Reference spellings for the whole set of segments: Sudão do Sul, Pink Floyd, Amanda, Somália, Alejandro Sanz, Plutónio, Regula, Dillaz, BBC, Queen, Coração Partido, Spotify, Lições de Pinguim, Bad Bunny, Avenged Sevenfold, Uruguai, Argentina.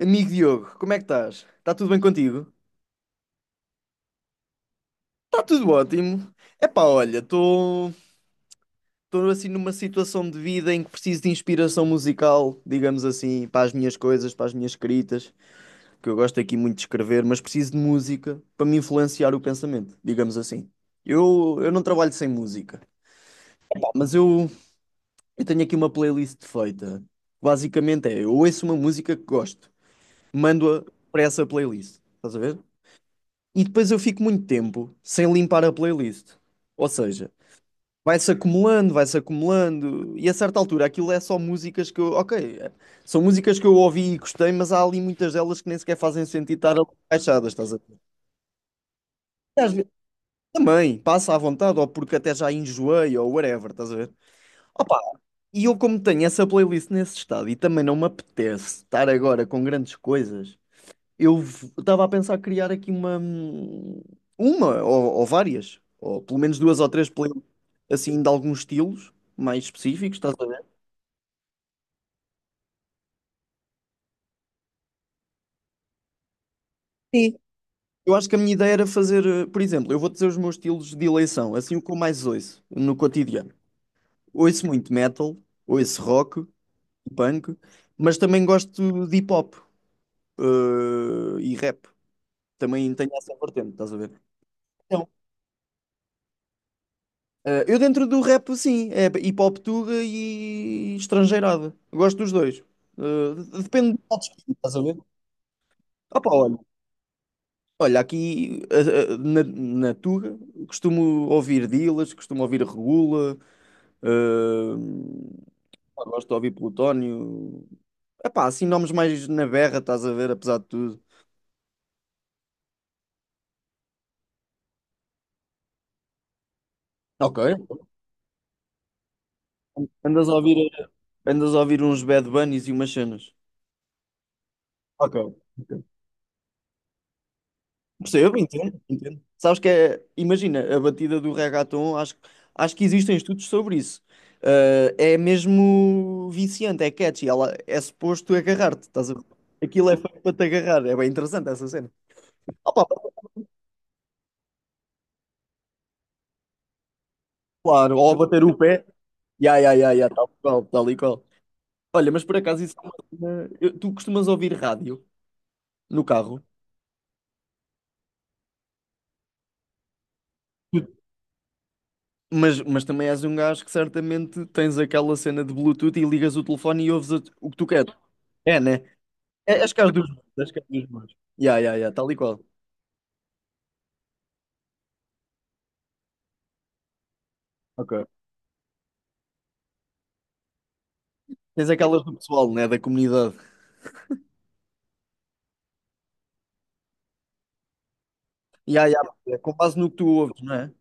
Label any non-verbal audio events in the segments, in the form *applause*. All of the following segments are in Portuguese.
Amigo Diogo, como é que estás? Está tudo bem contigo? Está tudo ótimo. Epá, olha, estou assim numa situação de vida em que preciso de inspiração musical, digamos assim, para as minhas coisas, para as minhas escritas, que eu gosto aqui muito de escrever, mas preciso de música para me influenciar o pensamento, digamos assim. Eu não trabalho sem música. Pá, mas eu tenho aqui uma playlist feita. Basicamente é, eu ouço uma música que gosto, mando-a para essa playlist, estás a ver? E depois eu fico muito tempo sem limpar a playlist. Ou seja, vai-se acumulando, e a certa altura aquilo é só músicas que eu. Ok, são músicas que eu ouvi e gostei, mas há ali muitas delas que nem sequer fazem sentido estar ali encaixadas, estás a ver? E às vezes também, passa à vontade, ou porque até já enjoei, ou whatever, estás a ver? Opa, e eu como tenho essa playlist nesse estado e também não me apetece estar agora com grandes coisas. Eu estava a pensar criar aqui uma ou várias, ou pelo menos duas ou três, assim, de alguns estilos mais específicos, estás a ver? Sim. Eu acho que a minha ideia era fazer, por exemplo, eu vou dizer os meus estilos de eleição, assim o que eu mais ouço no cotidiano. Ouço muito metal, ouço rock, punk, mas também gosto de hip hop, e rap. Também tenho essa vertente, estás a ver? Ah, eu dentro do rap, sim, é hip hop tuga e estrangeirada. Eu gosto dos dois. Ah, depende do modo de estás a ver? Opa, olha, olha, aqui na tuga costumo ouvir Dillaz, costumo ouvir Regula, ah, gosto de ouvir Plutónio. Epá, assim nomes mais na berra, estás a ver, apesar de tudo. Ok. Andas a ouvir, andas a ouvir uns Bad Bunnies e umas cenas. Ok. Percebo, entendo, entendo. Sabes que é, imagina, a batida do reggaeton, acho que existem estudos sobre isso. Ah, é mesmo viciante, é catchy, ela é suposto agarrar-te, estás a ver? Aquilo é feito para te agarrar, é bem interessante essa cena. Opa, claro, ou bater o pé, ya, ya, ya, ya, tal e qual, tal e qual. Olha, mas por acaso isso é uma tu costumas ouvir rádio no carro, Tu- mas também és um gajo que certamente tens aquela cena de Bluetooth e ligas o telefone e ouves o que tu queres. É, né? Acho que é os dos meus. Acho que é os dos meus. Ya, ya, ya, tal e qual. Ok. Tens aquelas do pessoal, né? Da comunidade. Ya, ya, é com base no que tu ouves, não é?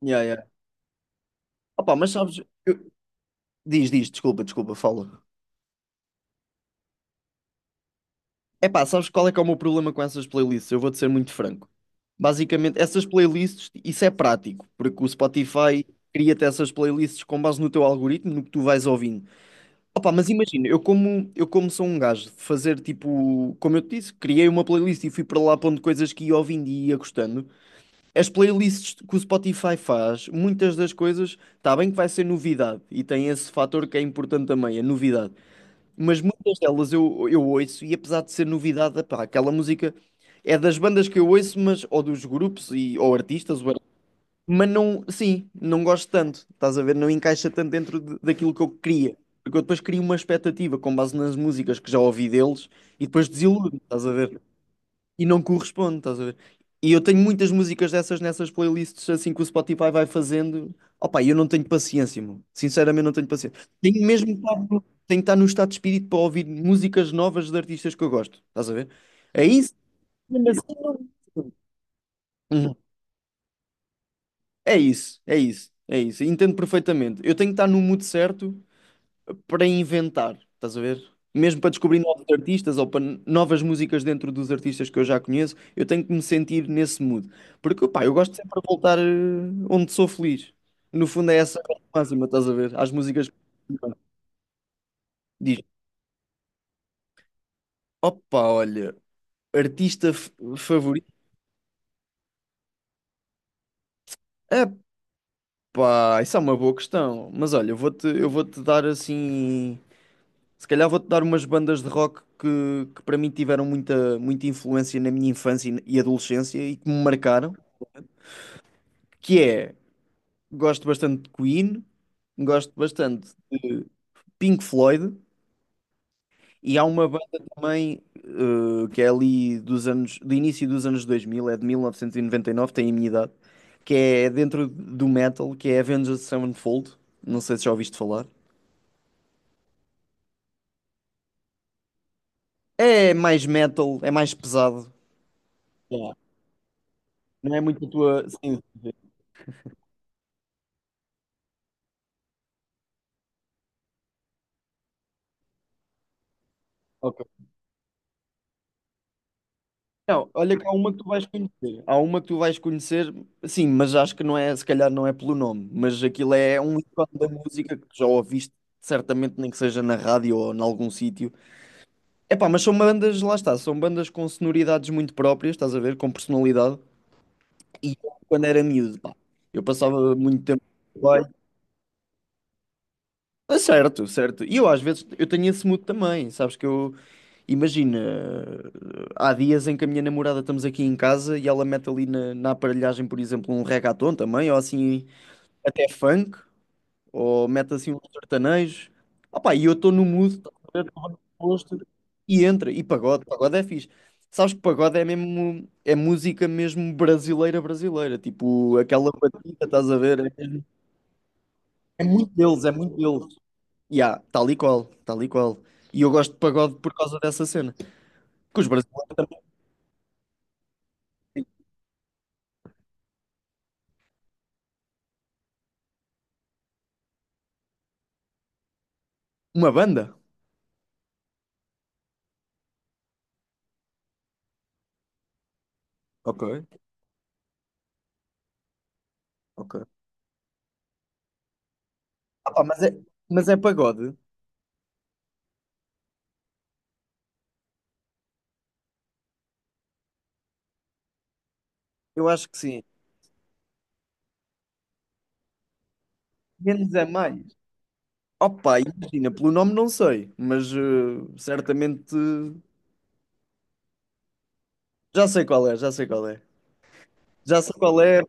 Ya, ya. Opa, mas sabes. Diz, diz, desculpa, desculpa, fala. É pá, sabes qual é que é o meu problema com essas playlists? Eu vou-te ser muito franco. Basicamente, essas playlists, isso é prático, porque o Spotify cria-te essas playlists com base no teu algoritmo, no que tu vais ouvindo. Opa, mas imagina, eu como sou um gajo de fazer tipo, como eu te disse, criei uma playlist e fui para lá pondo coisas que ia ouvindo e ia gostando. As playlists que o Spotify faz, muitas das coisas, está bem que vai ser novidade e tem esse fator que é importante também, a novidade. Mas muitas delas eu ouço e apesar de ser novidade, epá, aquela música é das bandas que eu ouço, mas ou dos grupos ou artistas, mas não, sim, não gosto tanto, estás a ver? Não encaixa tanto dentro daquilo que eu queria. Porque eu depois crio uma expectativa com base nas músicas que já ouvi deles e depois desiludo, estás a ver? E não corresponde, estás a ver? E eu tenho muitas músicas dessas nessas playlists assim que o Spotify vai fazendo. Opa, eu não tenho paciência, meu. Sinceramente, não tenho paciência. Tenho mesmo que estar, no- tenho que estar no estado de espírito para ouvir músicas novas de artistas que eu gosto, estás a ver? É isso. Mesmo assim, não. Uhum. É isso, é isso, é isso. Entendo perfeitamente. Eu tenho que estar no mood certo para inventar, estás a ver? Mesmo para descobrir novos artistas ou para novas músicas dentro dos artistas que eu já conheço, eu tenho que me sentir nesse mood. Porque, pá, eu gosto sempre de voltar onde sou feliz. No fundo é essa a máxima, estás a ver? Às músicas que diz, opa, olha, artista f- favorito. Epá, isso é uma boa questão. Mas olha, eu vou-te dar assim. Se calhar vou-te dar umas bandas de rock que para mim tiveram muita, muita influência na minha infância e adolescência e que me marcaram, que é, gosto bastante de Queen, gosto bastante de Pink Floyd e há uma banda também que é ali dos anos, do início dos anos 2000, é de 1999, tem a minha idade, que é dentro do metal, que é Avenged Sevenfold, não sei se já ouviste falar. É mais metal, é mais pesado. Yeah. Não é muito a tua... Sim, sim. sim. Ok. Não, olha que há uma que tu vais conhecer. Há uma que tu vais conhecer, sim, mas acho que não é, se calhar não é pelo nome, mas aquilo é um ícone da música que já ouviste, certamente nem que seja na rádio ou em algum sítio. Epá, mas são bandas, lá está, são bandas com sonoridades muito próprias, estás a ver, com personalidade. E quando era miúdo, pá, eu passava muito tempo. Ah, certo, certo. E eu às vezes eu tenho esse mood também, sabes que eu imagina, há dias em que a minha namorada estamos aqui em casa e ela mete ali na aparelhagem, por exemplo, um reggaeton também, ou assim até funk, ou mete assim um sertanejo. Opá, e eu estou no mood, estás a ver? Estou no posto, e entra, e pagode, pagode é fixe. Sabes que pagode é mesmo, é música mesmo brasileira brasileira, tipo aquela batida, estás a ver? É muito deles, é muito deles. Yeah, tal e qual, tal e qual. E eu gosto de pagode por causa dessa cena. Porque os brasileiros também. Uma banda? Ok, ok. Ah, pá, mas é pagode? Eu acho que sim. Menos é mais. Opa, imagina, pelo nome não sei, mas certamente já sei qual é, já sei qual é. Já sei qual é,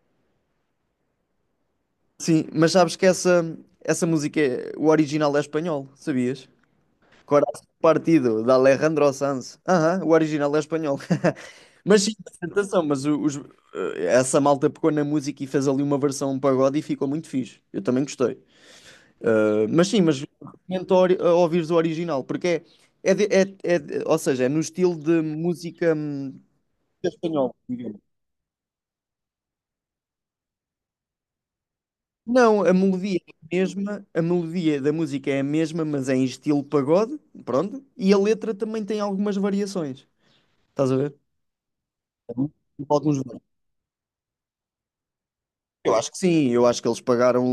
sim, mas sabes que essa música, é, o original é espanhol, sabias? Coração Partido, de Alejandro Sanz. Aham, o original é espanhol. *laughs* Mas sim, apresentação, mas essa malta pegou na música e fez ali uma versão um pagode e ficou muito fixe. Eu também gostei. Eh, mas sim, mas recomendo a ouvires o original, porque é, é, ou seja, é no estilo de música espanhol, digamos. Não, a melodia é a mesma, a melodia da música é a mesma, mas é em estilo pagode, pronto, e a letra também tem algumas variações. Estás a ver? Alguns eu acho que sim, eu acho que eles pagaram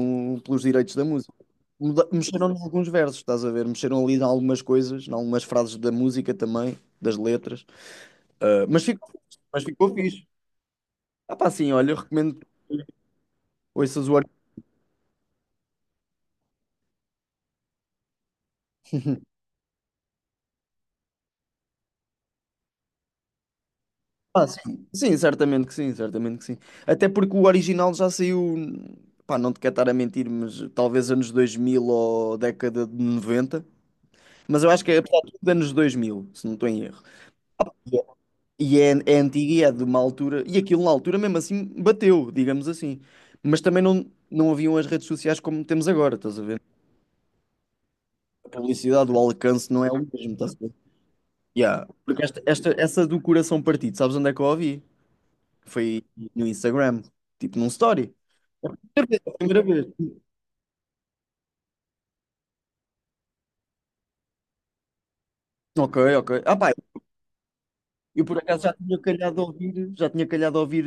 pelos direitos da música. Mexeram em alguns versos, estás a ver? Mexeram ali em algumas coisas, em algumas frases da música também, das letras. Ah, mas ficou, mas ficou fixe. Ah, pá, sim, olha, eu recomendo que ouças o original. Ah, sim. Sim, certamente que sim, certamente que sim. Até porque o original já saiu, pá, não te quero estar a mentir, mas talvez anos 2000 ou década de 90. Mas eu acho que é apesar de tudo anos 2000, se não estou em erro. E é, é antiga e é de uma altura. E aquilo na altura mesmo assim bateu, digamos assim. Mas também não haviam as redes sociais como temos agora, estás a ver? A publicidade, o alcance não é o mesmo, estás a ver? Yeah. Porque essa do coração partido, sabes onde é que eu a ouvi? Foi no Instagram, tipo num story. É a primeira vez. É a primeira vez. Ok, ok. Ah, pá, eu por acaso já tinha calhado a ouvir,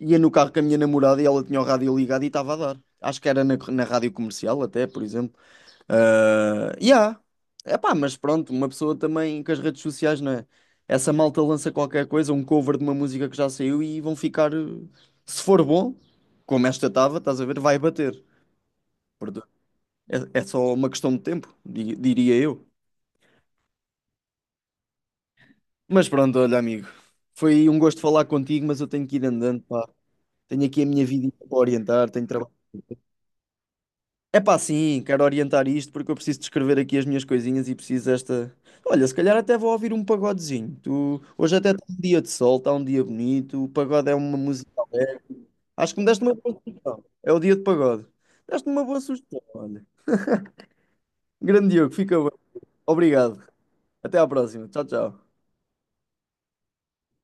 ia no carro com a minha namorada e ela tinha o rádio ligado e estava a dar. Acho que era na rádio comercial até, por exemplo. Ah, yeah. Epá, mas pronto, uma pessoa também com as redes sociais, não é? Essa malta lança qualquer coisa, um cover de uma música que já saiu e vão ficar, se for bom, como esta estava, estás a ver, vai bater. Portanto, é, é só uma questão de tempo, diria eu. Mas pronto, olha, amigo, foi um gosto falar contigo, mas eu tenho que ir andando, pá. Tenho aqui a minha vida para orientar, tenho trabalho. É pá, sim, quero orientar isto porque eu preciso de escrever aqui as minhas coisinhas e preciso desta. Olha, se calhar até vou ouvir um pagodezinho. Tu... Hoje até está um dia de sol, está um dia bonito. O pagode é uma música. Acho que me deste uma boa sugestão. É o dia de pagode. Deste-me uma boa sugestão, olha. Grande Diogo, fica bem. Obrigado. Até à próxima. Tchau, tchau.